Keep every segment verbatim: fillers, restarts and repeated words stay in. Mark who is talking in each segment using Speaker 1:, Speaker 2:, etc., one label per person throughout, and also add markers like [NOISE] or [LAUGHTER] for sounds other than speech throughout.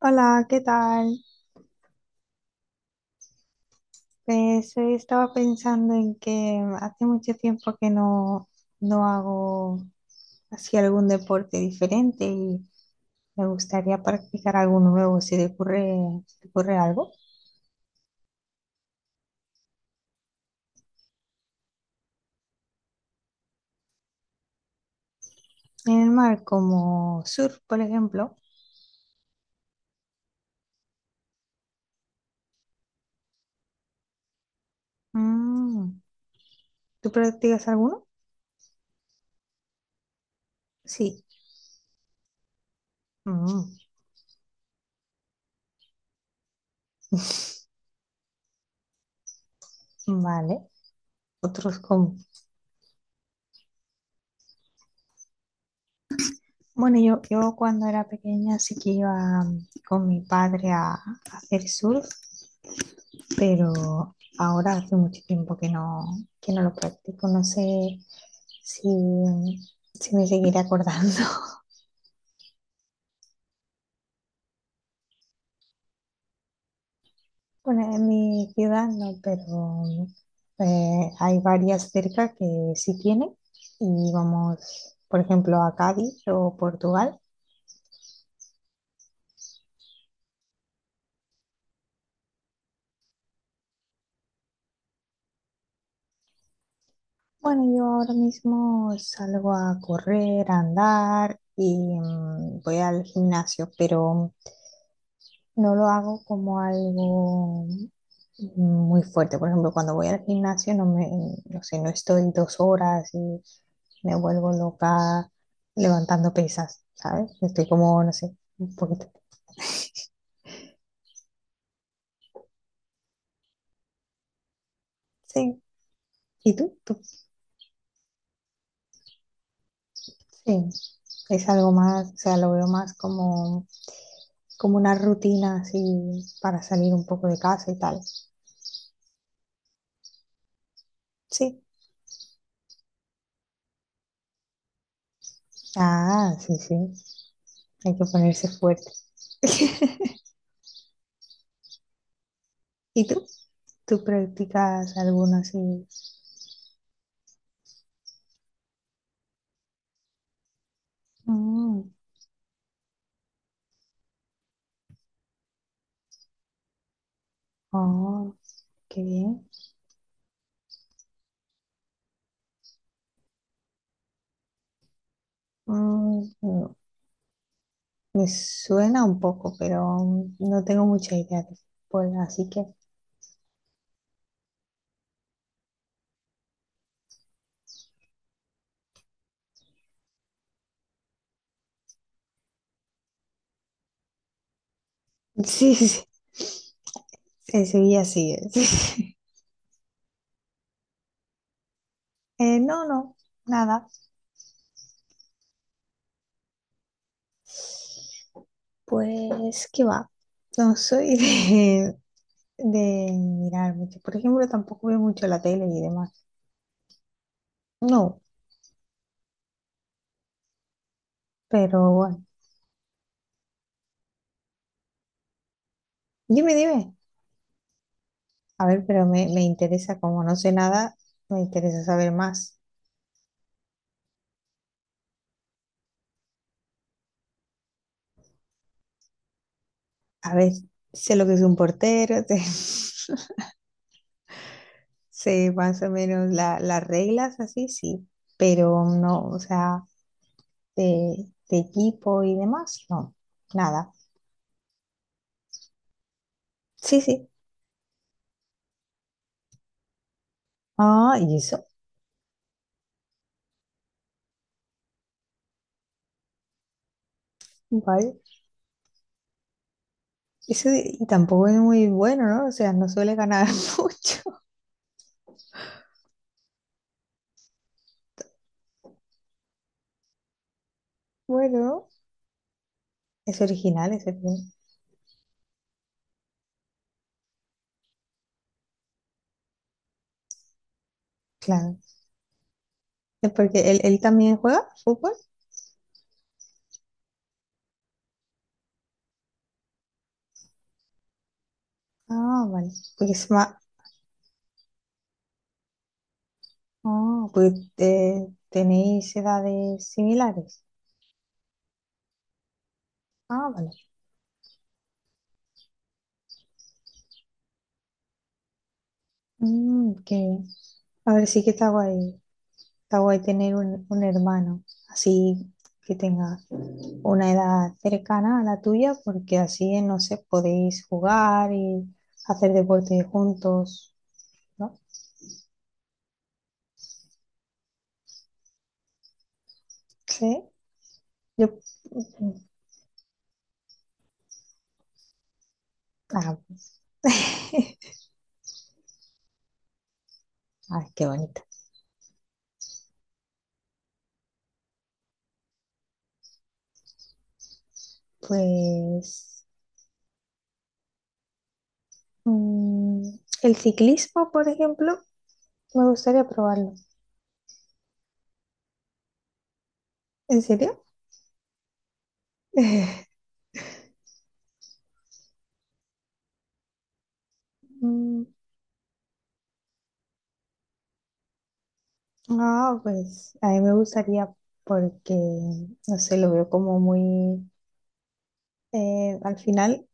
Speaker 1: Hola, ¿qué tal? Pues hoy estaba pensando en que hace mucho tiempo que no, no hago así algún deporte diferente y me gustaría practicar alguno nuevo si te ocurre, si te ocurre algo. En el mar, como surf, por ejemplo. Mm, ¿Tú practicas alguno? Sí. Mm, vale. Otros como. Bueno, yo, yo cuando era pequeña sí que iba mm, con mi padre a a hacer surf, pero ahora hace mucho tiempo que no, que no, lo practico. No sé si, si me seguiré acordando. [LAUGHS] Bueno, en mi ciudad no, pero eh, hay varias cerca que sí tienen y vamos, por ejemplo, a Cádiz o Portugal. Bueno, yo ahora mismo salgo a correr, a andar y mm, voy al gimnasio, pero no lo hago como algo muy fuerte. Por ejemplo, cuando voy al gimnasio no me, no sé, no estoy dos horas y me vuelvo loca levantando pesas, ¿sabes? Estoy como, no sé, un poquito. Sí. ¿Y tú? ¿Tú? Sí. Es algo más, o sea, lo veo más como, como, una rutina así para salir un poco de casa y tal. Sí. Ah, sí, sí. Hay que ponerse fuerte. [LAUGHS] ¿Y tú? ¿Tú practicas alguna así? Mm, oh, qué bien. Mm, no, me suena un poco, pero mm, no tengo mucha idea de fútbol, así que [LAUGHS] sí, sí, sí, el Sevilla sí. [LAUGHS] Sí. Eh, no, no, nada. Pues qué va. No soy [LAUGHS] de, de, mirar mucho. Por ejemplo, tampoco veo mucho la tele y demás. No, pero bueno. Dime, dime. A ver, pero me, me interesa, como no sé nada, me interesa saber más. A ver, sé lo que es un portero, sé, [LAUGHS] sé más o menos la- las reglas, así sí, pero no, o sea, de, de equipo y demás, no, nada. Sí, sí. Ah, y eso, vale. Eso de- y tampoco es muy bueno, ¿no? O sea, no suele ganar [LAUGHS] mucho. Bueno, es original ese tío. Claro. Es porque él, él, también juega fútbol. Ah, vale. Porque es más. Ah, pues eh, tenéis edades similares. Ah, vale. Mm, ok. A ver, sí que está guay. Está guay tener un, un hermano, así que tenga una edad cercana a la tuya, porque así, no sé, podéis jugar y hacer deporte juntos, ¿no? Sí, yo. Mm, ah, [LAUGHS] ay, qué bonito. Pues mm, el ciclismo, por ejemplo, me gustaría probarlo. ¿En serio? [LAUGHS] Mm, ah, pues a mí me gustaría porque, no sé, lo veo como muy. Eh, al final,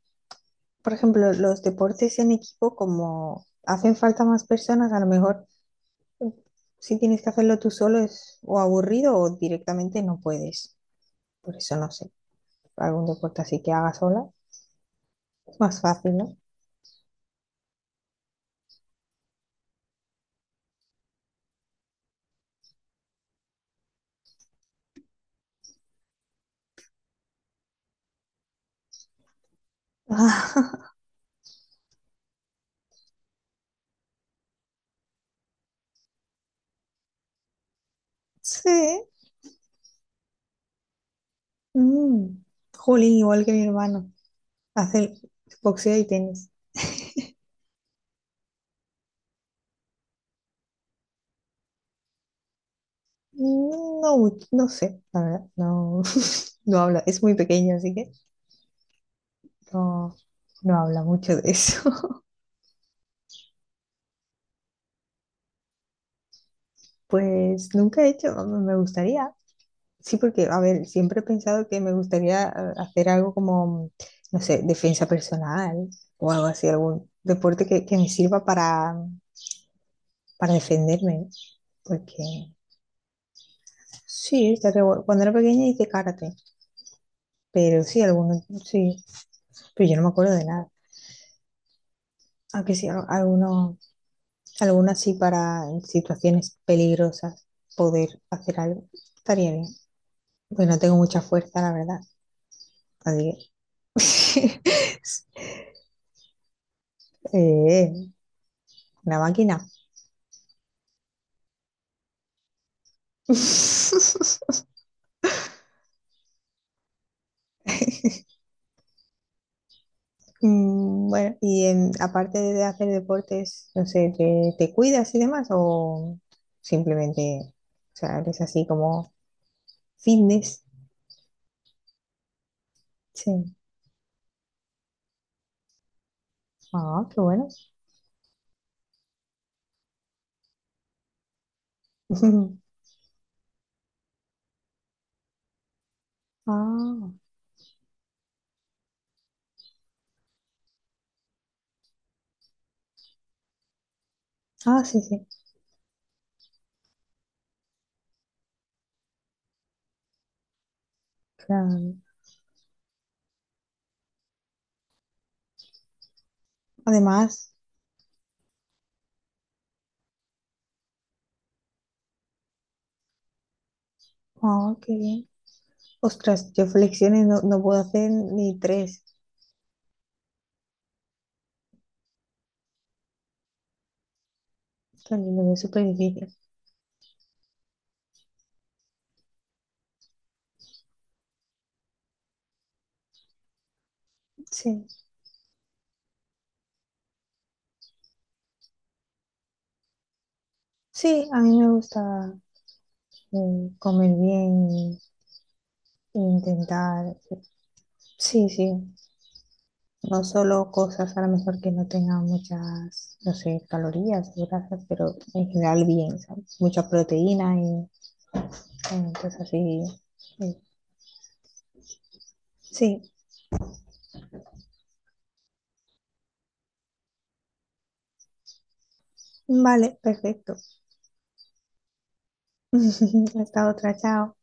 Speaker 1: por ejemplo, los deportes en equipo, como hacen falta más personas, a lo mejor mm, si tienes que hacerlo tú solo es o aburrido o directamente no puedes. Por eso, no sé, algún deporte así que haga sola es más fácil, ¿no? [LAUGHS] Sí. Mm. Jolín, igual que mi hermano. Hace boxeo y tenis. No, much- no sé, la verdad, no, [LAUGHS] no habla, es muy pequeño, así que no, no habla mucho de eso. [LAUGHS] Pues nunca he hecho, me me gustaría, sí, porque, a ver, siempre he pensado que me gustaría eh, hacer algo como, no sé, defensa personal o algo así, algún deporte que, que, me sirva para, para defenderme, porque sí, estaría guay. Cuando era pequeña hice karate, pero sí, algunos, sí, pero yo no me acuerdo de nada. Aunque sí, al- algunos. Algunas sí para en situaciones peligrosas poder hacer algo. Estaría bien. Pues no tengo mucha fuerza, la verdad. Así que. [LAUGHS] Eh, una máquina. [LAUGHS] Mm, bueno, y en- aparte de hacer deportes, no sé, ¿te, te cuidas y demás? ¿O simplemente, o sea, eres así como fitness? Sí. Ah, qué bueno. [LAUGHS] Ah, ah, sí, sí, claro. Además, ah, qué bien. Ostras, yo flexiones no, no puedo hacer ni tres. También es súper difícil. Sí. Sí, a mí me gusta mm, comer bien y- e intentar. Sí, sí. No solo cosas a lo mejor que no tengan muchas, no sé, calorías o grasas, pero en general bien, ¿sabes? Mucha proteína y eh, cosas así. Sí. Sí. Vale, perfecto. [LAUGHS] Hasta otra, chao.